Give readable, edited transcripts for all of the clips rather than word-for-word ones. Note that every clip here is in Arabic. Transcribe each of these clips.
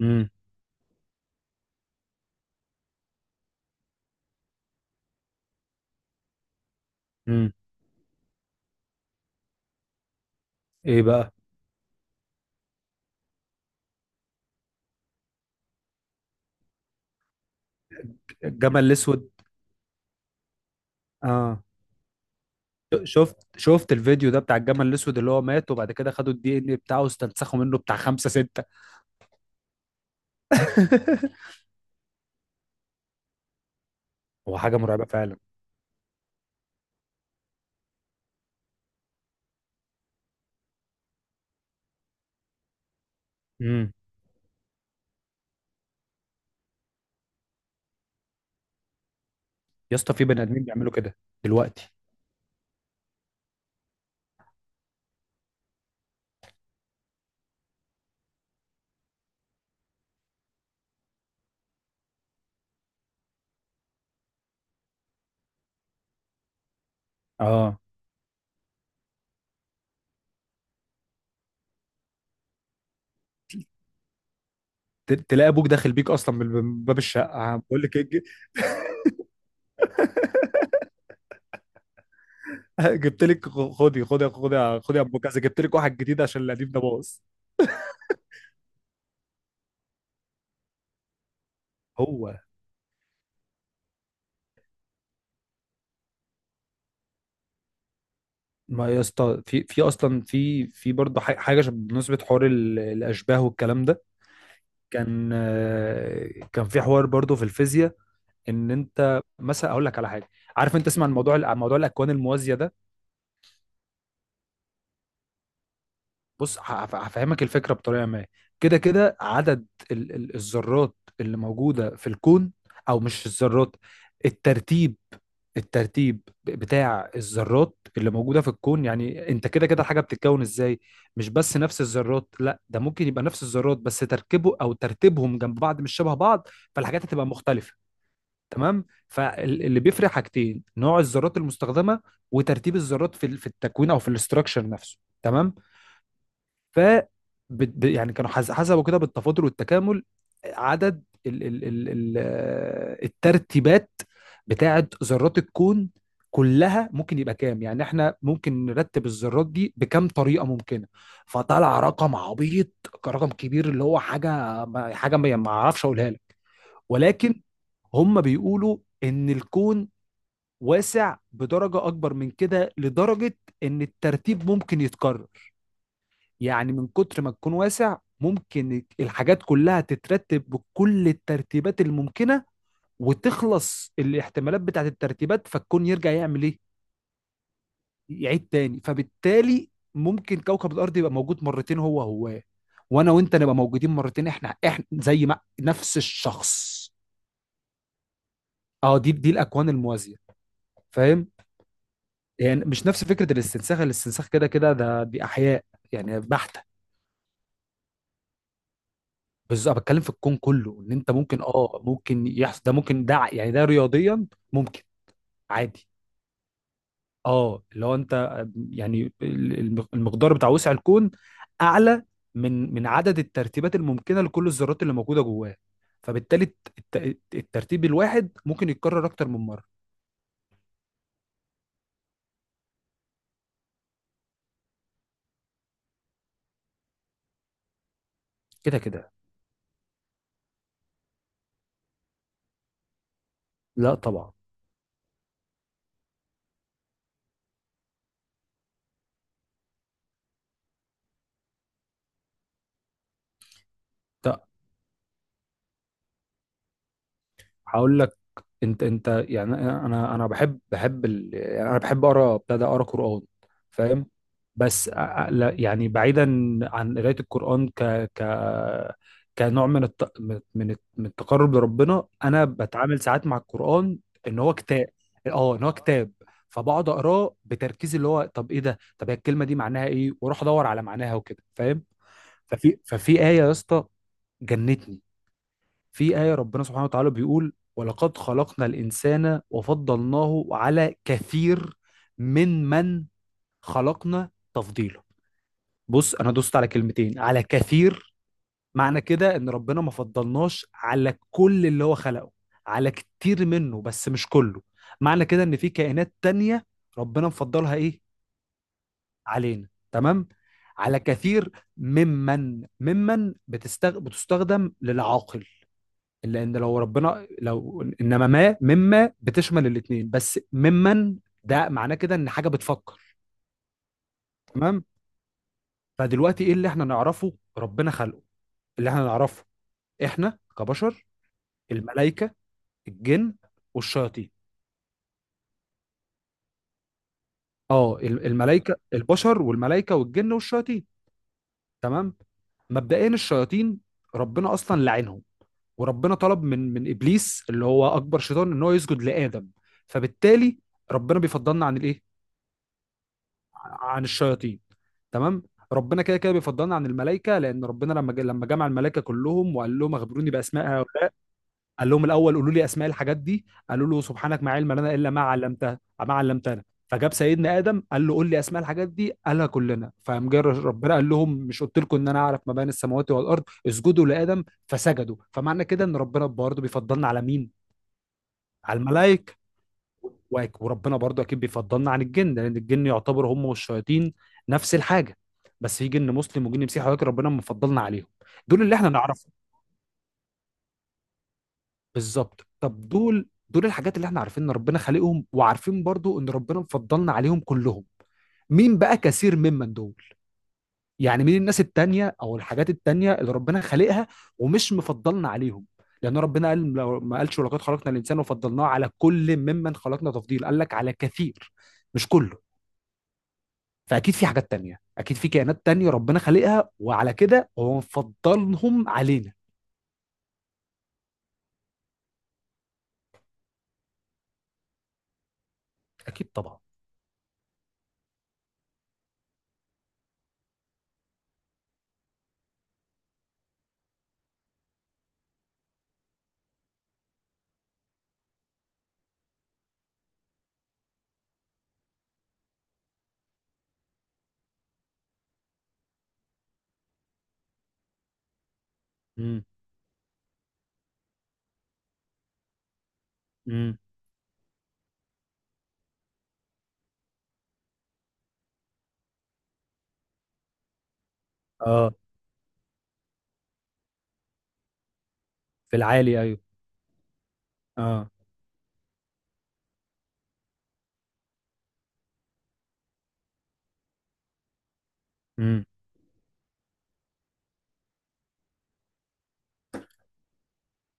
امم. امم. ايه بقى؟ الجمل الاسود؟ اه، شفت الفيديو ده بتاع الجمل الاسود اللي هو مات، وبعد كده خدوا الدي ان بتاعه واستنسخوا منه بتاع خمسة ستة. هو حاجة مرعبة فعلا. امم. يا اسطى، في بني ادمين بيعملوا كده دلوقتي. اه، تلاقي ابوك داخل بيك اصلا من باب الشقه، بقول لك إيه، جبت لك، خدي خدي خدي خدي يا ابو كذا، جبت لك واحد جديد عشان القديم ده باظ. هو، ما يا اسطى، في اصلا في برضه حاجه بالنسبه حوار الاشباه والكلام ده، كان في حوار برضو في الفيزياء، ان انت مثلا اقول لك على حاجه. عارف انت تسمع الموضوع عن موضوع الاكوان الموازيه ده؟ بص، هفهمك الفكره بطريقه ما. كده كده عدد ال الذرات اللي موجوده في الكون، او مش الذرات، الترتيب، بتاع الذرات اللي موجوده في الكون، يعني انت كده كده الحاجه بتتكون ازاي. مش بس نفس الذرات، لا، ده ممكن يبقى نفس الذرات بس تركيبه او ترتيبهم جنب بعض مش شبه بعض، فالحاجات هتبقى مختلفه. تمام، فاللي بيفرق حاجتين نوع الذرات المستخدمه وترتيب الذرات في التكوين او في الاستراكشر نفسه. تمام. ف يعني كانوا حسبوا كده بالتفاضل والتكامل عدد ال ال ال ال آه، الترتيبات بتاعت ذرات الكون كلها، ممكن يبقى كام، يعني احنا ممكن نرتب الذرات دي بكام طريقه ممكنه. فطلع رقم عبيط، رقم كبير، اللي هو حاجه حاجه ما اعرفش اقولها لك. ولكن هم بيقولوا ان الكون واسع بدرجة أكبر من كده، لدرجة إن الترتيب ممكن يتكرر. يعني من كتر ما تكون واسع، ممكن الحاجات كلها تترتب بكل الترتيبات الممكنة، وتخلص الاحتمالات بتاعت الترتيبات، فالكون يرجع يعمل إيه؟ يعيد تاني. فبالتالي ممكن كوكب الأرض يبقى موجود مرتين، هو هو، وأنا وأنت نبقى موجودين مرتين، إحنا إحنا، زي ما نفس الشخص. أه، دي الأكوان الموازية. فاهم؟ يعني مش نفس فكره الاستنساخ. الاستنساخ كده كده ده دي احياء يعني بحته. بس انا بتكلم في الكون كله، ان انت ممكن، ممكن يحصل ده، ممكن ده، يعني ده رياضيا ممكن. عادي. اه، اللي هو انت، يعني المقدار بتاع وسع الكون اعلى من عدد الترتيبات الممكنه لكل الذرات اللي موجوده جواه، فبالتالي الترتيب الواحد ممكن يتكرر اكتر من مره. كده كده. لا، طبعا. لا، هقول لك، انت يعني انا بحب يعني انا بحب اقرا، ابتدى اقرا قران. فاهم؟ بس لا، يعني بعيدا عن قرايه القران، ك ك كنوع من من التقرب لربنا، انا بتعامل ساعات مع القران. ان هو كتاب. اه. ان هو كتاب. فبقعد اقراه بتركيز، اللي هو طب ايه ده، طب هي الكلمه دي معناها ايه، واروح ادور على معناها وكده. فاهم. ففي ايه يا اسطى؟ جنتني. في آية ربنا سبحانه وتعالى بيقول: ولقد خلقنا الإنسان وفضلناه على كثير من خلقنا تفضيلا. بص، أنا دوست على كلمتين، على كثير. معنى كده إن ربنا ما فضلناش على كل اللي هو خلقه، على كتير منه، بس مش كله. معنى كده إن في كائنات تانية ربنا مفضلها إيه؟ علينا. تمام. على كثير ممن، بتستخدم للعاقل، لان لو ربنا، لو انما، ما، مما بتشمل الاثنين، بس ممن، ده معناه كده ان حاجه بتفكر. تمام. فدلوقتي ايه اللي احنا نعرفه ربنا خلقه؟ اللي احنا نعرفه احنا كبشر، الملائكه، الجن والشياطين. اه، ال- الملائكه البشر والملائكه والجن والشياطين. تمام. مبدئيا الشياطين ربنا اصلا لعنهم، وربنا طلب من ابليس اللي هو اكبر شيطان ان هو يسجد لادم، فبالتالي ربنا بيفضلنا عن الايه؟ عن الشياطين. تمام. ربنا كده كده بيفضلنا عن الملائكه، لان ربنا لما لما جمع الملائكه كلهم وقال لهم: اخبروني باسماء هؤلاء. قال لهم الاول: قولوا لي اسماء الحاجات دي. قالوا له: سبحانك ما علم لنا الا ما علمتها، ما علمتنا. فجاب سيدنا ادم قال له: قول لي اسماء الحاجات دي، قالها كلنا. فقام جه ربنا قال لهم: مش قلت لكم ان انا اعرف ما بين السماوات والارض؟ اسجدوا لادم. فسجدوا. فمعنى كده ان ربنا برضه بيفضلنا على مين؟ على الملائكه. وربنا برضو اكيد بيفضلنا عن الجن، لان الجن يعتبر هم والشياطين نفس الحاجه، بس في جن مسلم وجن مسيحي، ولكن ربنا مفضلنا عليهم. دول اللي احنا نعرفهم بالظبط. طب دول، الحاجات اللي احنا عارفين ان ربنا خالقهم، وعارفين برضو ان ربنا مفضلنا عليهم كلهم، مين بقى كثير ممن دول؟ يعني مين الناس التانية او الحاجات التانية اللي ربنا خالقها ومش مفضلنا عليهم؟ لان ربنا قال، لو ما قالش ولقد خلقنا الانسان وفضلناه على كل ممن خلقنا تفضيل، قال لك على كثير، مش كله. فاكيد في حاجات تانية، اكيد في كائنات تانية ربنا خلقها، وعلى كده هو مفضلهم علينا. اكيد طبعا. امم. امم. اه. في العالي، ايوه. اه. امم.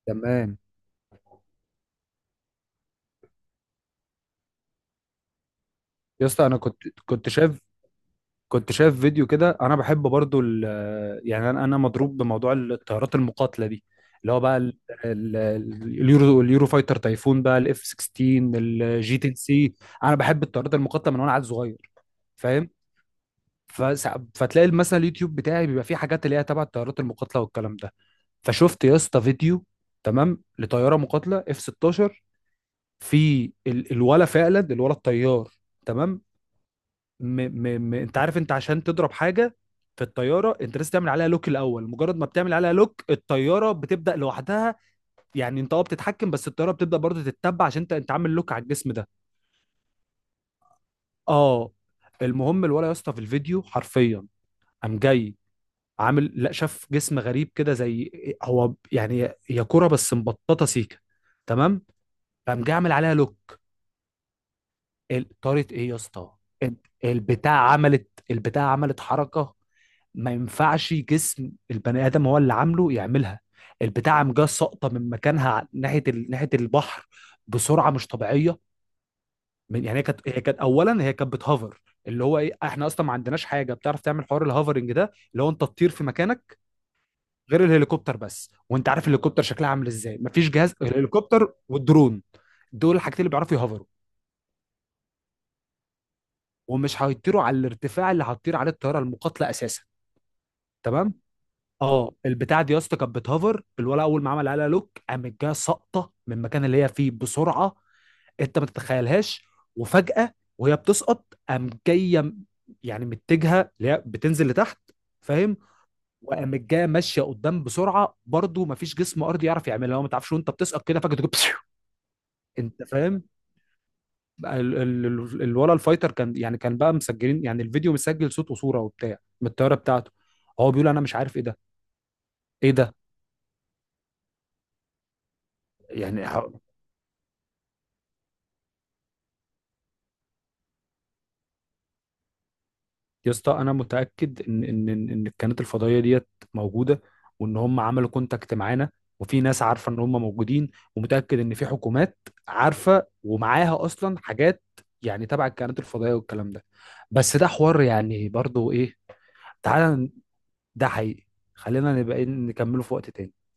تمام. يا اسطى، انا كنت شايف فيديو كده. انا بحب برضو يعني انا مضروب بموضوع الطيارات المقاتله دي، اللي هو بقى اليورو فايتر تايفون، بقى الاف 16، الجي 10 سي. انا بحب الطيارات المقاتله من وانا عيل صغير. فاهم؟ فتلاقي مثلا اليوتيوب بتاعي بيبقى فيه حاجات اللي هي تبع الطيارات المقاتله والكلام ده. فشفت يا اسطى فيديو، تمام، لطياره مقاتله اف 16، الولا، فعلا، الولا الطيار. تمام. انت عارف، انت عشان تضرب حاجه في الطياره، انت لازم تعمل عليها لوك الاول. مجرد ما بتعمل عليها لوك الطياره بتبدا لوحدها، يعني انت بتتحكم، بس الطياره بتبدا برضه تتبع عشان انت عامل لوك على الجسم ده. اه. المهم الولا يا اسطى في الفيديو حرفيا قام جاي عامل، لا، شاف جسم غريب كده، زي هو يعني هي كرة بس مبططة سيكة، تمام، قام جه عامل عليها لوك. طارت، ايه يا اسطى؟ ال- البتاع عملت حركة ما ينفعش جسم البني آدم هو اللي عامله يعملها. البتاع قام جه ساقطة من مكانها، ناحية البحر، بسرعة مش طبيعية. يعني، هي كانت هي كانت أولا هي كانت بتهوفر. اللي هو ايه، احنا اصلا ما عندناش حاجة بتعرف تعمل حوار الهوفرنج ده، اللي هو انت تطير في مكانك، غير الهليكوبتر بس. وانت عارف الهليكوبتر شكلها عامل ازاي. مفيش جهاز، الهليكوبتر والدرون، دول الحاجتين اللي بيعرفوا يهوفروا، ومش هيطيروا على الارتفاع اللي هتطير عليه الطياره المقاتله اساسا. تمام. اه، البتاع دي يا اسطى كانت بتهوفر. الولا اول ما عمل عليها لوك، قامت جايه ساقطه من المكان اللي هي فيه بسرعه انت ما تتخيلهاش. وفجاه وهي بتسقط قام جايه يعني متجهه اللي هي بتنزل لتحت. فاهم. وقامت جايه ماشيه قدام بسرعه برضو، ما فيش جسم ارضي يعرف يعملها، هو ما تعرفش وانت بتسقط كده فجاه تجيب؟ انت فاهم. بقى الولا الفايتر كان كان بقى مسجلين، يعني الفيديو مسجل صوت وصوره وبتاع، من الطياره بتاعته، هو بيقول انا مش عارف ايه ده. ايه ده يعني، يا اسطى انا متاكد ان ان ان إن الكائنات الفضائيه ديت موجوده، وان هم عملوا كونتاكت معانا، وفي ناس عارفه ان هم موجودين، ومتاكد ان في حكومات عارفه ومعاها اصلا حاجات يعني تبع الكائنات الفضائيه والكلام ده، بس ده حوار يعني برضو ايه، تعالى، ده حقيقي، خلينا نبقى إيه، نكمله في وقت تاني.